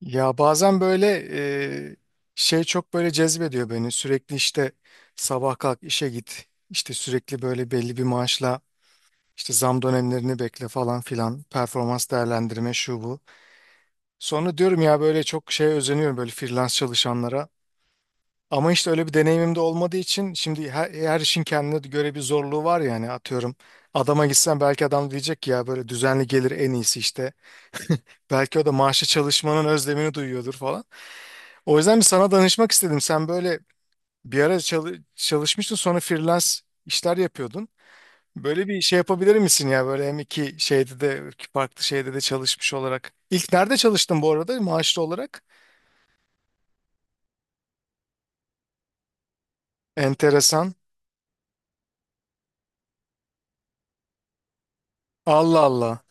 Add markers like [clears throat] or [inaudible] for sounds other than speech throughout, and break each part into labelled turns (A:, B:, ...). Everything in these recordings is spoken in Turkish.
A: Ya bazen böyle e, şey çok böyle cezbediyor beni. Sürekli işte sabah kalk işe git. İşte sürekli böyle belli bir maaşla işte zam dönemlerini bekle falan filan. Performans değerlendirme şu bu. Sonra diyorum ya böyle çok şey özeniyorum böyle freelance çalışanlara. Ama işte öyle bir deneyimim de olmadığı için şimdi her işin kendine göre bir zorluğu var yani atıyorum. Adama gitsen belki adam diyecek ki ya böyle düzenli gelir en iyisi işte. Belki o da maaşlı çalışmanın özlemini duyuyordur. Yüzden bir sana danışmak istedim. Sen böyle bir ara çalışmıştın sonra freelance işler yapıyordun. Böyle bir şey yapabilir misin ya böyle hem iki şeyde de iki farklı şeyde de çalışmış olarak. İlk nerede çalıştın bu arada maaşlı olarak? Enteresan. Allah Allah.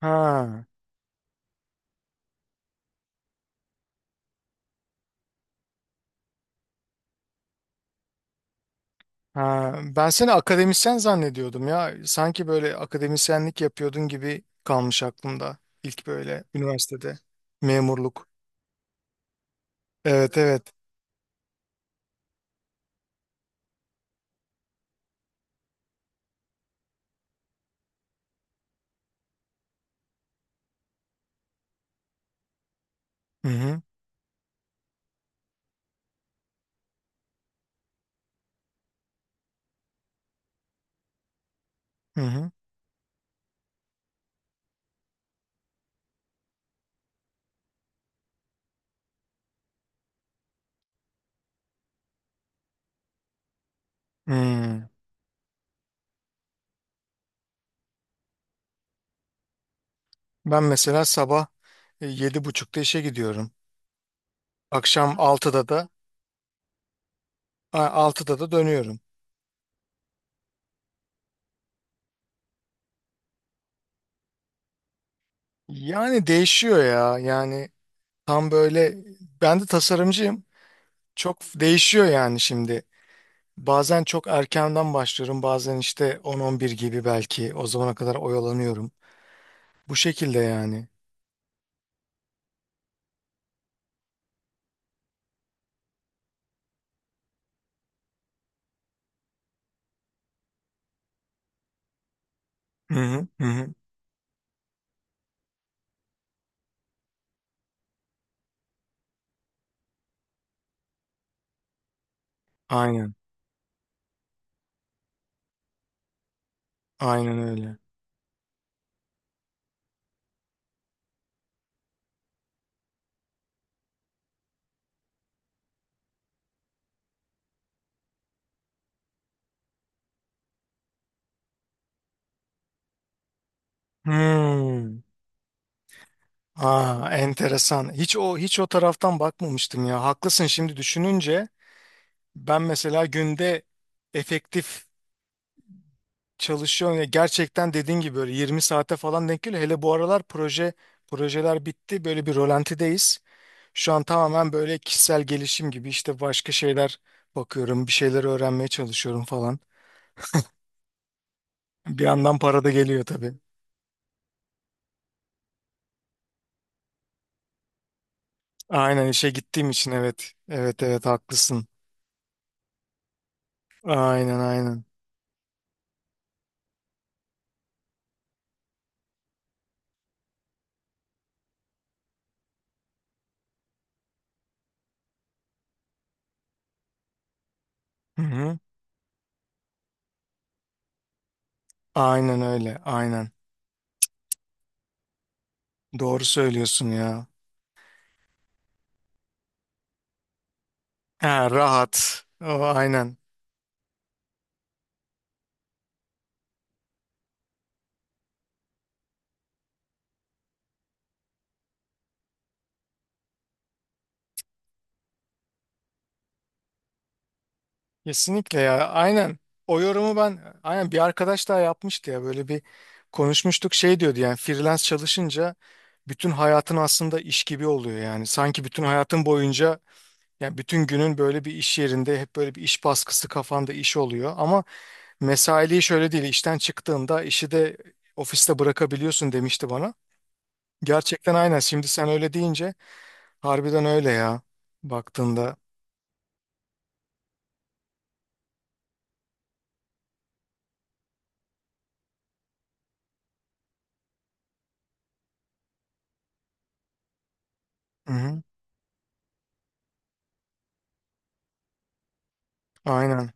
A: Ha, ha. Ben seni akademisyen zannediyordum ya. Sanki böyle akademisyenlik yapıyordun gibi kalmış aklımda. İlk böyle üniversitede memurluk. Evet evet. Hı hı. Hı hı. Hı. Ben mesela sabah 7.30'da işe gidiyorum. Akşam 6'da da 6'da da dönüyorum. Yani değişiyor ya. Yani tam böyle ben de tasarımcıyım. Çok değişiyor yani şimdi. Bazen çok erkenden başlıyorum. Bazen işte 10, 11 gibi belki. O zamana kadar oyalanıyorum. Bu şekilde yani. Hı hı hı. Hı. Aynen. Aynen öyle. Hmm. Aa, enteresan. Hiç o taraftan bakmamıştım ya. Haklısın şimdi düşününce. Ben mesela günde efektif çalışıyorum. Ya gerçekten dediğin gibi böyle 20 saate falan denk geliyor. Hele bu aralar projeler bitti. Böyle bir rolantideyiz. Şu an tamamen böyle kişisel gelişim gibi işte başka şeyler bakıyorum. Bir şeyler öğrenmeye çalışıyorum falan. Bir yandan para da geliyor tabii. Aynen işe gittiğim için evet. Evet evet haklısın. Aynen aynen. Hı hı. Aynen öyle aynen. Doğru söylüyorsun ya. Ha, rahat. O, aynen. Kesinlikle ya aynen o yorumu ben aynen bir arkadaş daha yapmıştı ya böyle bir konuşmuştuk şey diyordu yani freelance çalışınca bütün hayatın aslında iş gibi oluyor yani sanki bütün hayatın boyunca yani bütün günün böyle bir iş yerinde hep böyle bir iş baskısı kafanda iş oluyor ama mesailiği şöyle değil işten çıktığında işi de ofiste bırakabiliyorsun demişti bana. Gerçekten aynen şimdi sen öyle deyince harbiden öyle ya baktığında. Hı hı. Aynen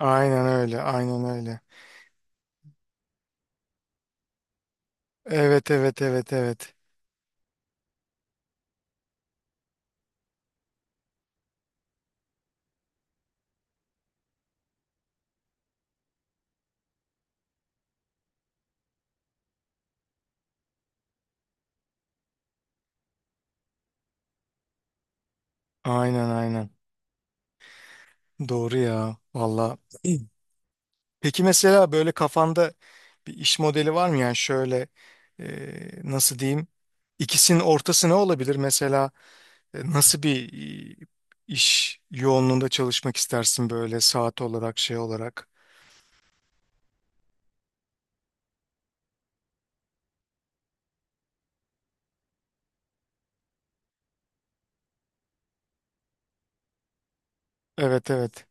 A: aynen öyle aynen öyle. Evet evet evet evet. Aynen aynen. Doğru ya. Valla. [clears throat] Peki mesela böyle kafanda bir iş modeli var mı? Yani şöyle nasıl diyeyim? İkisinin ortası ne olabilir? Mesela nasıl bir e, iş yoğunluğunda çalışmak istersin böyle saat olarak şey olarak? Evet evet.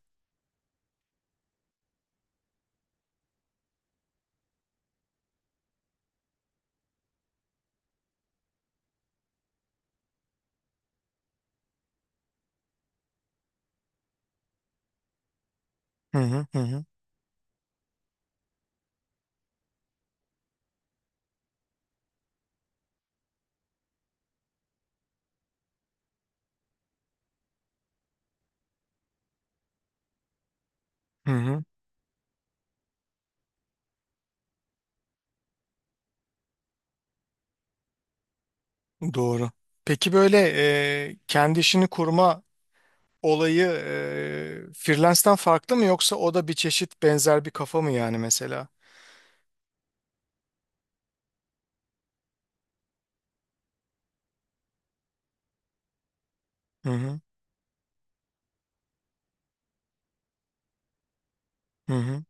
A: Hı hı hı hı. Hı hı. Doğru. Peki böyle kendi işini kurma olayı freelance'den farklı mı yoksa o da bir çeşit benzer bir kafa mı yani mesela? Hı hı. Hı hı.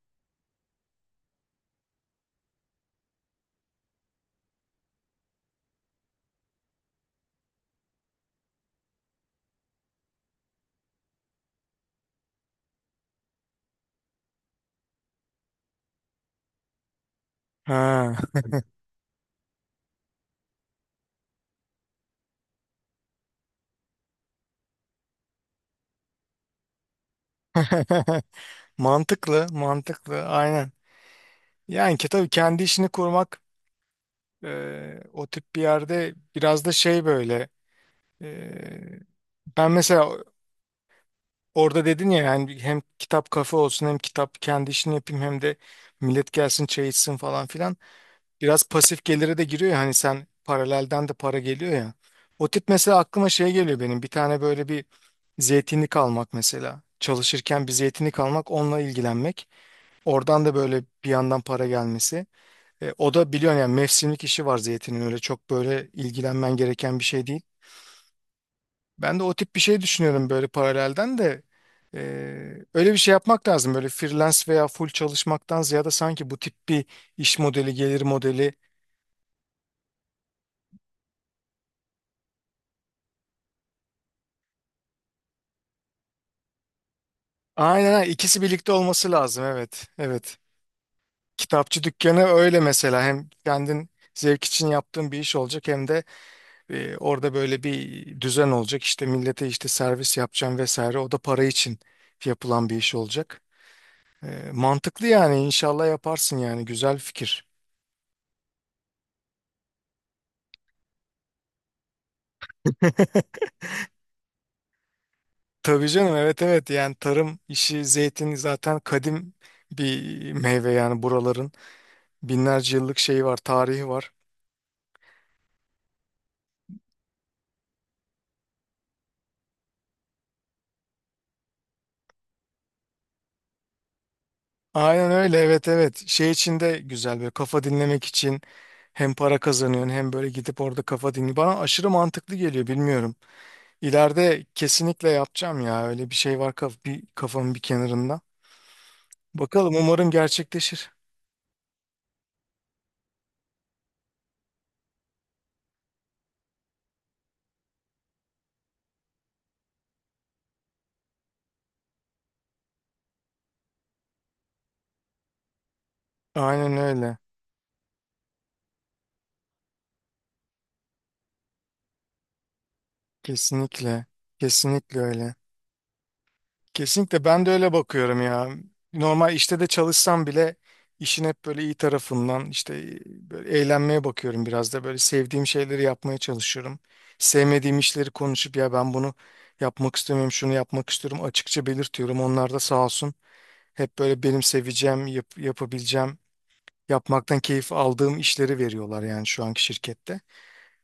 A: Ha. [laughs] Mantıklı, mantıklı. Aynen. Yani ki tabii kendi işini kurmak o tip bir yerde biraz da şey böyle e, ben mesela orada dedin ya yani hem kitap kafe olsun hem kitap kendi işini yapayım hem de millet gelsin çay içsin falan filan. Biraz pasif gelire de giriyor ya hani sen paralelden de para geliyor ya. O tip mesela aklıma şey geliyor benim bir tane böyle bir zeytinlik almak mesela. Çalışırken bir zeytinlik almak onunla ilgilenmek. Oradan da böyle bir yandan para gelmesi. O da biliyorsun yani mevsimlik işi var zeytinin öyle çok böyle ilgilenmen gereken bir şey değil. Ben de o tip bir şey düşünüyorum böyle paralelden de. E, Öyle bir şey yapmak lazım böyle freelance veya full çalışmaktan ziyade sanki bu tip bir iş modeli gelir modeli. Aynen aynen. ikisi birlikte olması lazım evet. Evet. Kitapçı dükkanı öyle mesela hem kendin zevk için yaptığın bir iş olacak hem de orada böyle bir düzen olacak. İşte millete işte servis yapacağım vesaire. O da para için yapılan bir iş olacak. Mantıklı yani inşallah yaparsın yani güzel fikir. Tabii canım evet evet yani tarım işi zeytin zaten kadim bir meyve yani buraların binlerce yıllık şeyi var tarihi var. Aynen öyle evet evet. Şey için de güzel böyle kafa dinlemek için hem para kazanıyorsun hem böyle gidip orada kafa dinli. Bana aşırı mantıklı geliyor bilmiyorum. İleride kesinlikle yapacağım ya öyle bir şey var bir kafamın bir kenarında. Bakalım umarım gerçekleşir. Aynen öyle. Kesinlikle. Kesinlikle öyle. Kesinlikle ben de öyle bakıyorum ya. Normal işte de çalışsam bile işin hep böyle iyi tarafından işte böyle eğlenmeye bakıyorum biraz da böyle sevdiğim şeyleri yapmaya çalışıyorum. Sevmediğim işleri konuşup ya ben bunu yapmak istemiyorum, şunu yapmak istiyorum açıkça belirtiyorum. Onlar da sağ olsun hep böyle benim seveceğim, yapabileceğim, yapmaktan keyif aldığım işleri veriyorlar yani şu anki şirkette.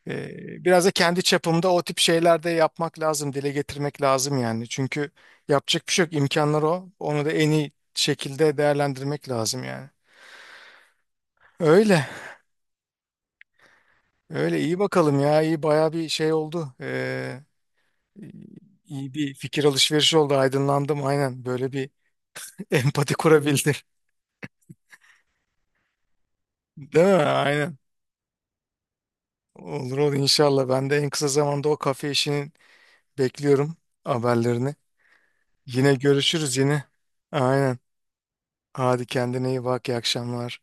A: Biraz da kendi çapımda o tip şeyler de yapmak lazım, dile getirmek lazım yani. Çünkü yapacak bir şey yok, imkanlar o. Onu da en iyi şekilde değerlendirmek lazım yani. Öyle, öyle iyi bakalım ya, iyi baya bir şey oldu. İyi bir fikir alışverişi oldu, aydınlandım aynen. Böyle bir [laughs] empati kurabildim. Değil mi? Aynen. Olur olur inşallah. Ben de en kısa zamanda o kafe işini bekliyorum haberlerini. Yine görüşürüz yine. Aynen. Hadi kendine iyi bak. İyi akşamlar.